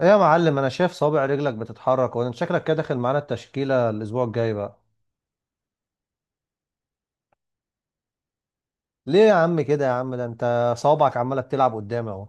ايه يا معلم، انا شايف صابع رجلك بتتحرك، وانت شكلك كده داخل معانا التشكيلة الاسبوع الجاي بقى. ليه يا عم كده يا عم؟ ده انت صوابعك عمالة بتلعب قدامي اهو.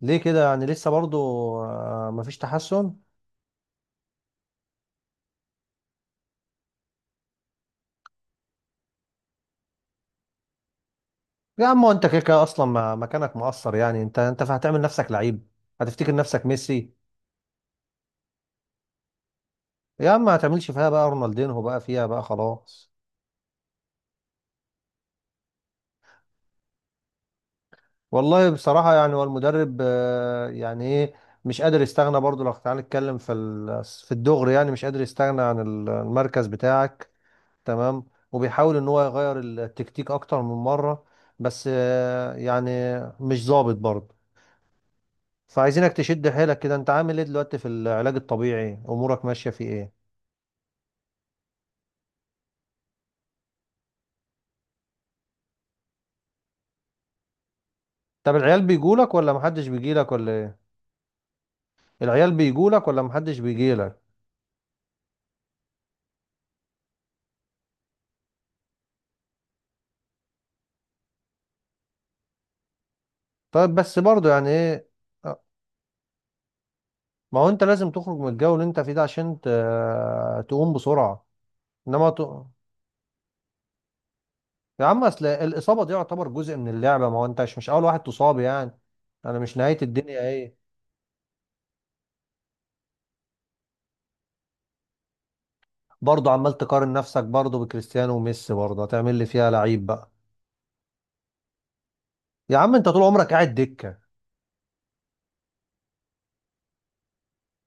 ليه كده يعني لسه برضو؟ مفيش تحسن؟ يا عم هو انت كده كده اصلا مكانك مقصر. يعني انت هتعمل نفسك لعيب، هتفتكر نفسك ميسي. يا عم ما هتعملش فيها بقى رونالدينهو بقى، فيها بقى خلاص. والله بصراحة يعني هو المدرب يعني ايه، مش قادر يستغنى برضو. لو تعالى نتكلم في الدغري، يعني مش قادر يستغنى عن المركز بتاعك. تمام. وبيحاول ان هو يغير التكتيك اكتر من مره، بس يعني مش ظابط برضه. فعايزينك تشد حيلك كده. انت عامل ايه دلوقتي في العلاج الطبيعي؟ امورك ماشيه في ايه؟ طب العيال بيجولك ولا محدش بيجيلك ولا ايه؟ العيال بيجولك ولا محدش بيجيلك؟ طيب بس برضه يعني ايه؟ آه، ما هو انت لازم تخرج من الجو اللي انت فيه ده، عشان تقوم بسرعه. انما ت... يا عم اصل الاصابه دي يعتبر جزء من اللعبه. ما هو انت مش اول واحد تصاب يعني، انا مش نهايه الدنيا ايه. برضه عمال تقارن نفسك برضه بكريستيانو وميسي؟ برضه هتعمل لي فيها لعيب بقى؟ يا عم انت طول عمرك قاعد دكة.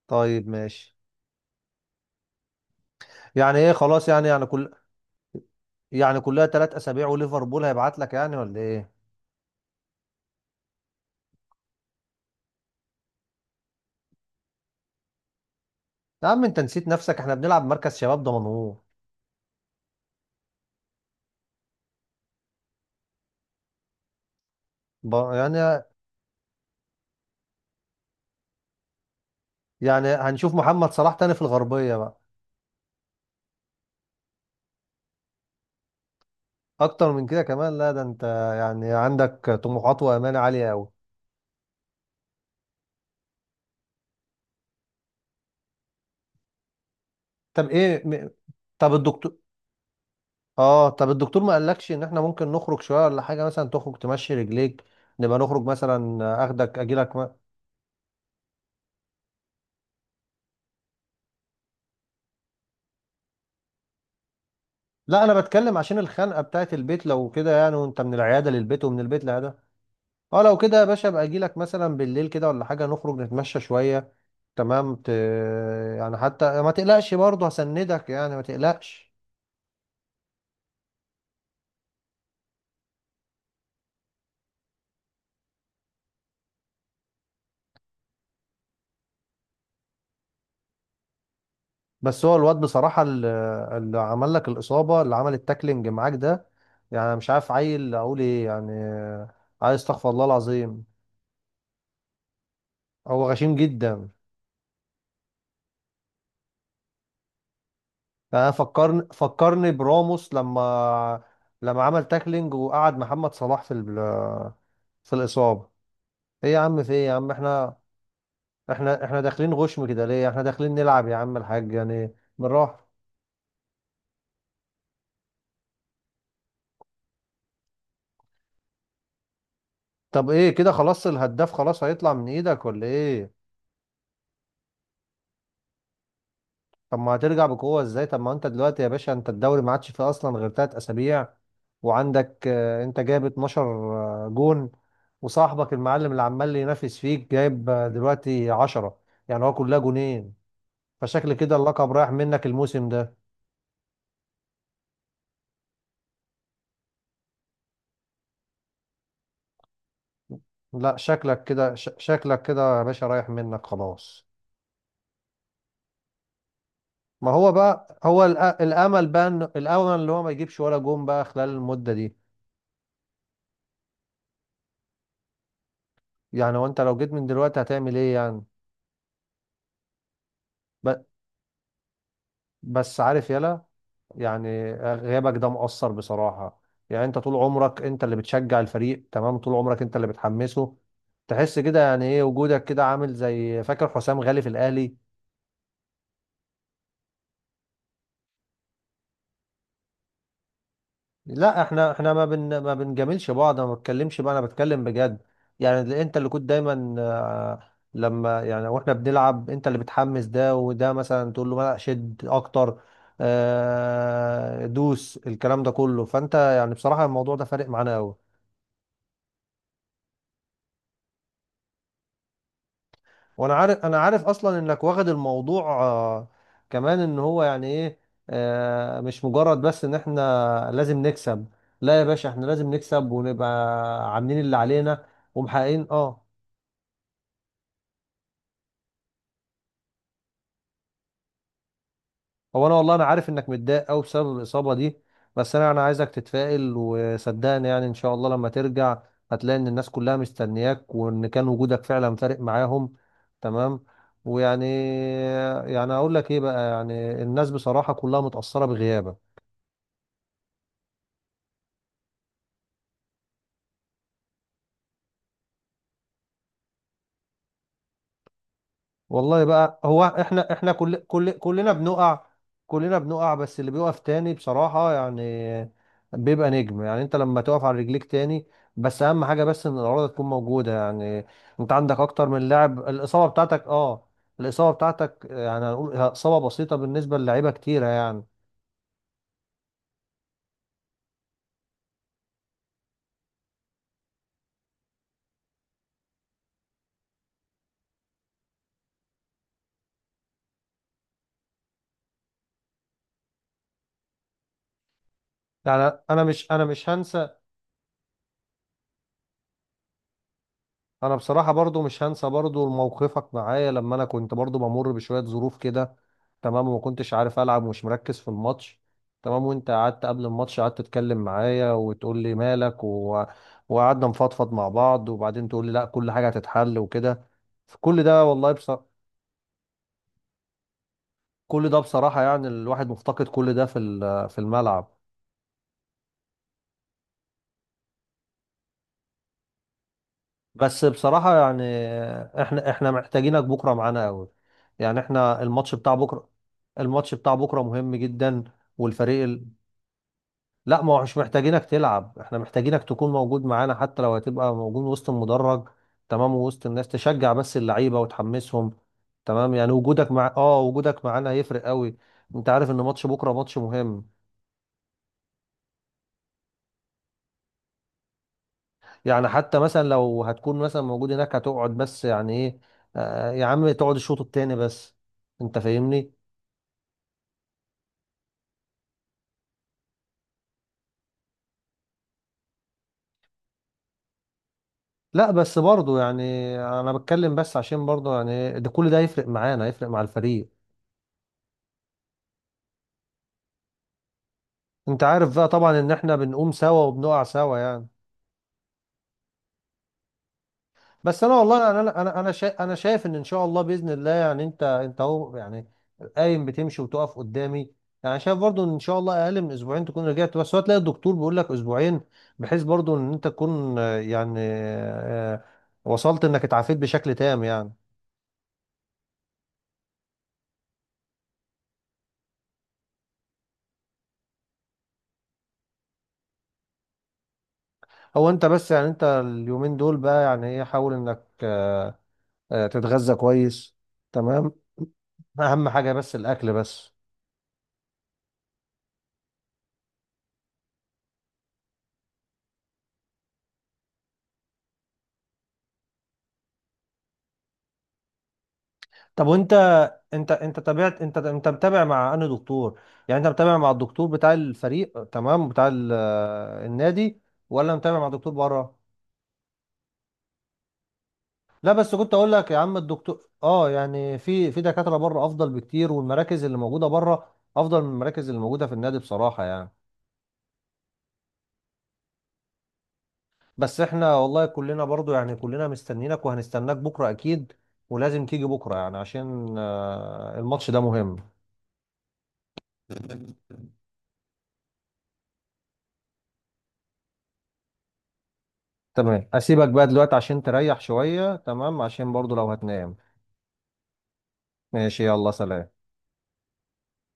طيب ماشي. يعني ايه خلاص؟ يعني يعني كل، يعني كلها ثلاث اسابيع وليفربول هيبعت لك يعني ولا ايه؟ يا عم انت نسيت نفسك، احنا بنلعب مركز شباب ضمنهور. يعني، يعني هنشوف محمد صلاح تاني في الغربية بقى؟ اكتر من كده كمان؟ لا ده انت يعني عندك طموحات وامال عالية قوي. طب ايه م... طب الدكتور، اه طب الدكتور ما قالكش ان احنا ممكن نخرج شويه ولا حاجه؟ مثلا تخرج تمشي رجليك، نبقى نخرج مثلا اخدك اجيلك ما... لا انا بتكلم عشان الخنقه بتاعت البيت، لو كده يعني، وانت من العياده للبيت ومن البيت للعياده. اه لو كده يا باشا ابقى اجيلك مثلا بالليل كده ولا حاجه، نخرج نتمشى شويه. تمام ت... يعني حتى ما تقلقش برضه، هسندك يعني، ما تقلقش. بس هو الواد بصراحه، اللي عمل لك الاصابه، اللي عمل التاكلينج معاك ده، يعني مش عارف عيل اقول ايه يعني. عايز استغفر الله العظيم. هو غشيم جدا. يعني انا فكرني براموس لما عمل تاكلينج وقعد محمد صلاح في الاصابه. ايه يا عم؟ في ايه يا عم؟ احنا داخلين غشم كده ليه؟ احنا داخلين نلعب يا عم الحاج يعني بالراحه. طب ايه كده؟ خلاص الهداف خلاص هيطلع من ايدك ولا ايه؟ طب ما هترجع بقوة ازاي؟ طب ما انت دلوقتي يا باشا، انت الدوري ما عادش فيه اصلا غير تلات اسابيع، وعندك انت جايب 12 جون، وصاحبك المعلم اللي عمال ينافس فيك جايب دلوقتي 10، يعني هو كلها جونين، فشكل كده اللقب رايح منك الموسم ده. لا شكلك كده، شكلك كده يا باشا رايح منك خلاص. ما هو بقى هو الامل بقى، الامل اللي هو ما يجيبش ولا جون بقى خلال المدة دي. يعني هو انت لو جيت من دلوقتي هتعمل ايه يعني؟ ب- بس عارف يلا، يعني غيابك ده مؤثر بصراحة. يعني انت طول عمرك انت اللي بتشجع الفريق، تمام، طول عمرك انت اللي بتحمسه. تحس كده يعني ايه وجودك، كده عامل زي، فاكر حسام غالي في الاهلي؟ لا احنا، احنا ما بنجاملش بعض، انا ما بتكلمش بقى، انا بتكلم بجد. يعني اللي انت اللي كنت دايما لما يعني، واحنا بنلعب انت اللي بتحمس، ده وده مثلا تقول له لا شد اكتر، دوس، الكلام ده كله. فانت يعني بصراحة الموضوع ده فارق معانا قوي. وانا عارف، انا عارف اصلا انك واخد الموضوع كمان، ان هو يعني ايه، مش مجرد بس ان احنا لازم نكسب. لا يا باشا، احنا لازم نكسب ونبقى عاملين اللي علينا ومحققين اه. هو انا والله، انا عارف انك متضايق قوي بسبب الاصابة دي، بس انا عايزك تتفائل، وصدقني يعني ان شاء الله لما ترجع، هتلاقي ان الناس كلها مستنياك، وان كان وجودك فعلا فارق معاهم. تمام. ويعني، يعني اقول لك ايه بقى، يعني الناس بصراحة كلها متأثرة بغيابك. والله بقى هو احنا، احنا كل كل كلنا بنقع. كلنا بنقع، بس اللي بيقف تاني بصراحة يعني بيبقى نجم. يعني انت لما تقف على رجليك تاني، بس اهم حاجة بس ان الإرادة تكون موجودة يعني. انت عندك اكتر من لاعب الإصابة بتاعتك اه. الإصابة بتاعتك يعني هنقول إصابة بسيطة بالنسبة للاعيبة كتيرة يعني. يعني انا مش هنسى، انا بصراحه برضو مش هنسى برضو موقفك معايا لما انا كنت برضو بمر بشويه ظروف كده. تمام، وما كنتش عارف العب ومش مركز في الماتش. تمام، وانت قعدت قبل الماتش قعدت تتكلم معايا وتقول لي مالك وقعدنا نفضفض مع بعض، وبعدين تقول لي لا كل حاجه هتتحل وكده. في كل ده والله كل ده بصراحه يعني الواحد مفتقد كل ده في الملعب. بس بصراحة يعني احنا محتاجينك بكرة معانا قوي. يعني احنا الماتش بتاع بكرة، الماتش بتاع بكرة مهم جدا. والفريق ال... لا ما هو مش محتاجينك تلعب، احنا محتاجينك تكون موجود معانا، حتى لو هتبقى موجود وسط المدرج. تمام، ووسط الناس تشجع بس اللعيبة وتحمسهم. تمام، يعني وجودك مع اه وجودك معانا هيفرق قوي. انت عارف ان ماتش بكرة ماتش مهم. يعني حتى مثلا لو هتكون مثلا موجود هناك هتقعد بس يعني ايه، يا عم تقعد الشوط التاني بس. انت فاهمني. لا بس برضو يعني، انا بتكلم بس عشان برضو يعني إيه، ده كل ده يفرق معانا، يفرق مع الفريق. انت عارف بقى طبعا ان احنا بنقوم سوا وبنقع سوا يعني. بس انا والله يعني، انا شايف، انا شايف ان ان شاء الله باذن الله يعني انت، انت اهو يعني قايم، بتمشي وتقف قدامي. يعني شايف برضو ان ان شاء الله اقل من اسبوعين تكون رجعت، بس هو تلاقي الدكتور بيقول لك اسبوعين بحيث برضو ان انت تكون وصلت انك اتعافيت بشكل تام يعني. هو انت بس يعني، انت اليومين دول بقى يعني ايه، حاول انك تتغذى كويس. تمام، اهم حاجه بس الاكل بس. طب وانت، انت تابعت، انت متابع مع انهي دكتور؟ يعني انت متابع مع الدكتور بتاع الفريق، تمام، بتاع النادي، ولا متابع مع دكتور بره؟ لا بس كنت اقول لك يا عم الدكتور اه، يعني في دكاترة بره افضل بكتير، والمراكز اللي موجودة بره افضل من المراكز اللي موجودة في النادي بصراحة يعني. بس احنا والله كلنا برضو يعني، كلنا مستنيينك وهنستناك بكرة اكيد. ولازم تيجي بكرة يعني عشان الماتش ده مهم. تمام، اسيبك بقى دلوقتي عشان تريح شوية، تمام، عشان برضو لو هتنام. ماشي يلا سلام.